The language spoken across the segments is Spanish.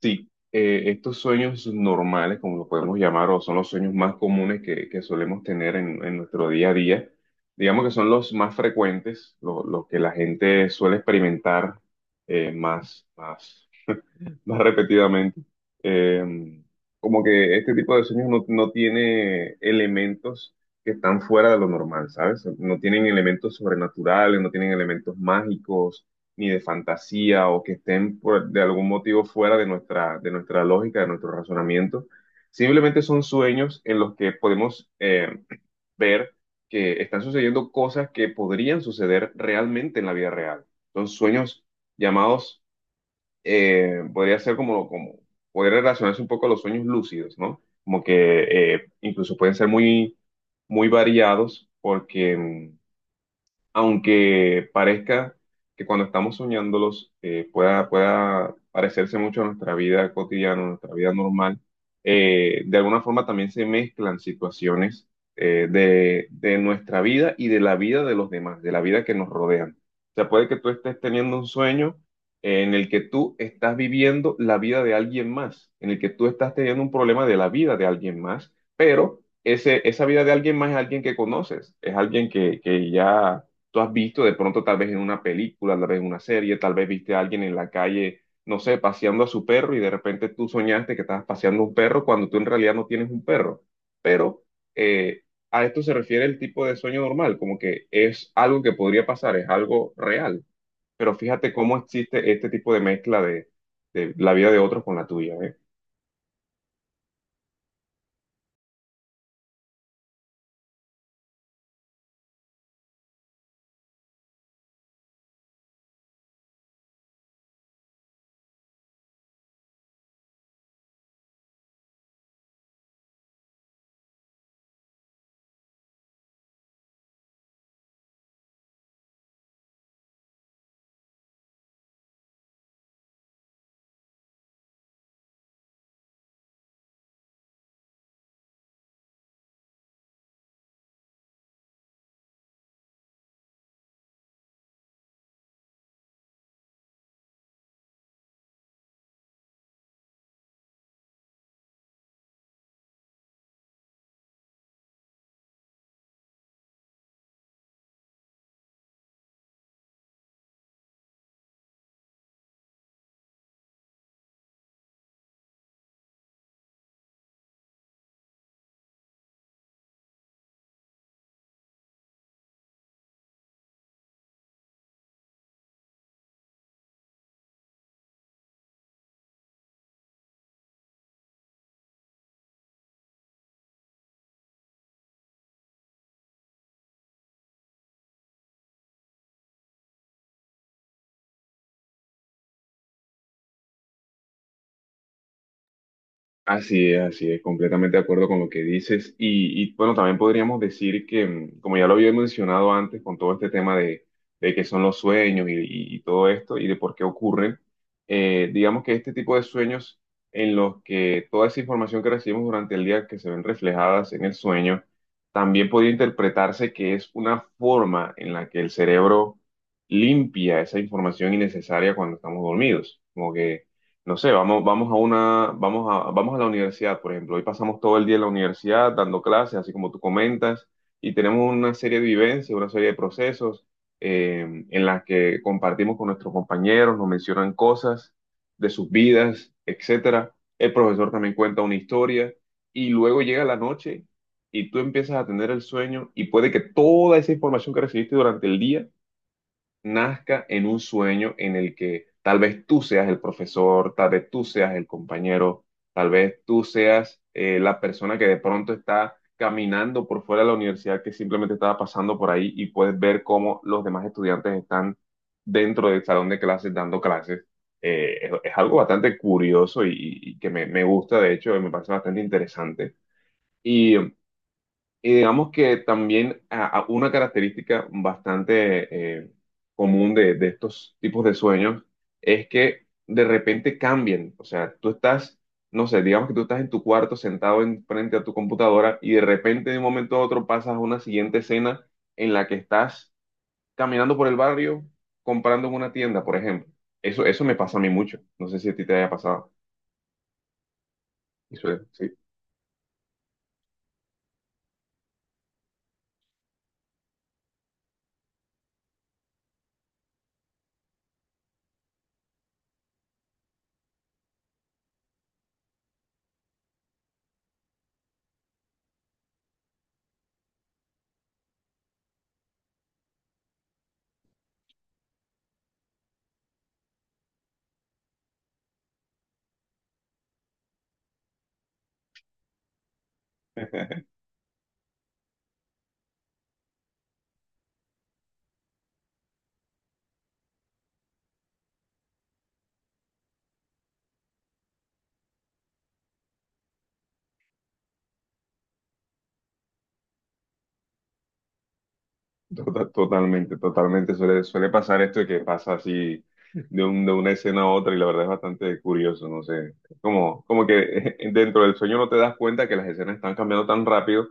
Sí, estos sueños normales, como lo podemos llamar, o son los sueños más comunes que solemos tener en nuestro día a día, digamos que son los más frecuentes, los que la gente suele experimentar eh, más, más más repetidamente. Eh, Como que este tipo de sueños no tiene elementos que están fuera de lo normal, ¿sabes? No tienen elementos sobrenaturales, no tienen elementos mágicos, ni de fantasía, o que estén de algún motivo fuera de nuestra lógica, de nuestro razonamiento. Simplemente son sueños en los que podemos ver que están sucediendo cosas que podrían suceder realmente en la vida real. Son sueños llamados podría ser como, como poder relacionarse un poco a los sueños lúcidos, ¿no? Como que incluso pueden ser muy, muy variados porque aunque parezca que cuando estamos soñándolos pueda parecerse mucho a nuestra vida cotidiana, a nuestra vida normal, de alguna forma también se mezclan situaciones de nuestra vida y de la vida de los demás, de la vida que nos rodean. O sea, puede que tú estés teniendo un sueño en el que tú estás viviendo la vida de alguien más, en el que tú estás teniendo un problema de la vida de alguien más, pero esa vida de alguien más es alguien que conoces, es alguien que ya tú has visto de pronto tal vez en una película, tal vez en una serie, tal vez viste a alguien en la calle, no sé, paseando a su perro y de repente tú soñaste que estabas paseando un perro cuando tú en realidad no tienes un perro. Pero eh, a esto se refiere el tipo de sueño normal, como que es algo que podría pasar, es algo real. Pero fíjate cómo existe este tipo de mezcla de la vida de otros con la tuya, ¿eh? Así es, completamente de acuerdo con lo que dices. Y, bueno, también podríamos decir que, como ya lo había mencionado antes, con todo este tema de qué son los sueños y todo esto y de por qué ocurren, digamos que este tipo de sueños en los que toda esa información que recibimos durante el día que se ven reflejadas en el sueño, también podría interpretarse que es una forma en la que el cerebro limpia esa información innecesaria cuando estamos dormidos. Como que no sé, vamos, vamos a una, vamos a, vamos a la universidad, por ejemplo. Hoy pasamos todo el día en la universidad dando clases, así como tú comentas, y tenemos una serie de vivencias, una serie de procesos en las que compartimos con nuestros compañeros, nos mencionan cosas de sus vidas, etcétera. El profesor también cuenta una historia, y luego llega la noche y tú empiezas a tener el sueño, y puede que toda esa información que recibiste durante el día nazca en un sueño en el que tal vez tú seas el profesor, tal vez tú seas el compañero, tal vez tú seas la persona que de pronto está caminando por fuera de la universidad que simplemente estaba pasando por ahí y puedes ver cómo los demás estudiantes están dentro del salón de clases dando clases. Es algo bastante curioso y que me gusta, de hecho, me parece bastante interesante. Y y digamos que también a una característica bastante común de estos tipos de sueños es que de repente cambian. O sea, tú estás, no sé, digamos que tú estás en tu cuarto sentado en frente a tu computadora y de repente de un momento a otro pasas a una siguiente escena en la que estás caminando por el barrio comprando en una tienda, por ejemplo. Eso me pasa a mí mucho. No sé si a ti te haya pasado. Eso es, sí. Totalmente, totalmente. Suele pasar esto de que pasa así de una escena a otra y la verdad es bastante curioso, no sé. Es como, como que dentro del sueño no te das cuenta que las escenas están cambiando tan rápido,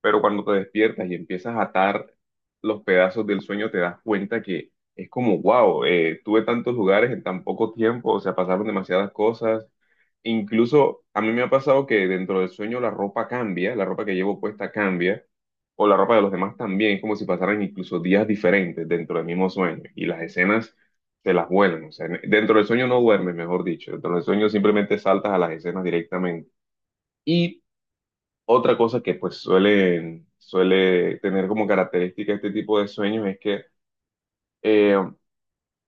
pero cuando te despiertas y empiezas a atar los pedazos del sueño te das cuenta que es como, wow, tuve tantos lugares en tan poco tiempo, o sea, pasaron demasiadas cosas. Incluso a mí me ha pasado que dentro del sueño la ropa cambia, la ropa que llevo puesta cambia o la ropa de los demás también, es como si pasaran incluso días diferentes dentro del mismo sueño y las escenas se las vuelan, o sea, dentro del sueño no duermes, mejor dicho, dentro del sueño simplemente saltas a las escenas directamente. Y otra cosa que pues suele tener como característica este tipo de sueños es que eh,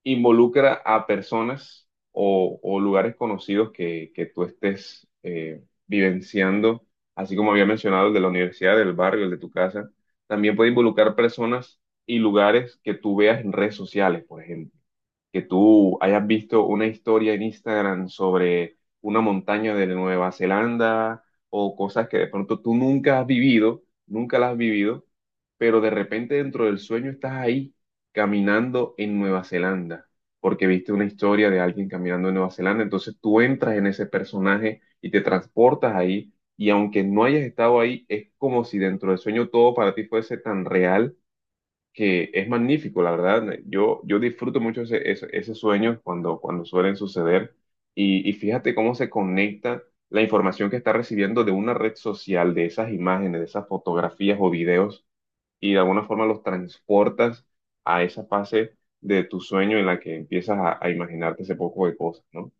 involucra a personas o lugares conocidos que tú estés vivenciando, así como había mencionado el de la universidad, del barrio, el de tu casa, también puede involucrar personas y lugares que tú veas en redes sociales, por ejemplo que tú hayas visto una historia en Instagram sobre una montaña de Nueva Zelanda o cosas que de pronto tú nunca has vivido, nunca las has vivido, pero de repente dentro del sueño estás ahí caminando en Nueva Zelanda, porque viste una historia de alguien caminando en Nueva Zelanda, entonces tú entras en ese personaje y te transportas ahí. Y aunque no hayas estado ahí, es como si dentro del sueño todo para ti fuese tan real que es magnífico, la verdad. Yo disfruto mucho ese sueño cuando, cuando suelen suceder y fíjate cómo se conecta la información que está recibiendo de una red social, de esas imágenes, de esas fotografías o videos y de alguna forma los transportas a esa fase de tu sueño en la que empiezas a imaginarte ese poco de cosas, ¿no?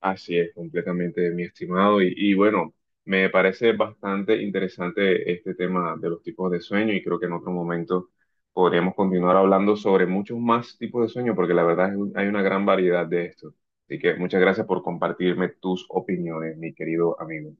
Así es, completamente, mi estimado. Y bueno, me parece bastante interesante este tema de los tipos de sueño y creo que en otro momento podríamos continuar hablando sobre muchos más tipos de sueño porque la verdad hay una gran variedad de esto. Así que muchas gracias por compartirme tus opiniones, mi querido amigo.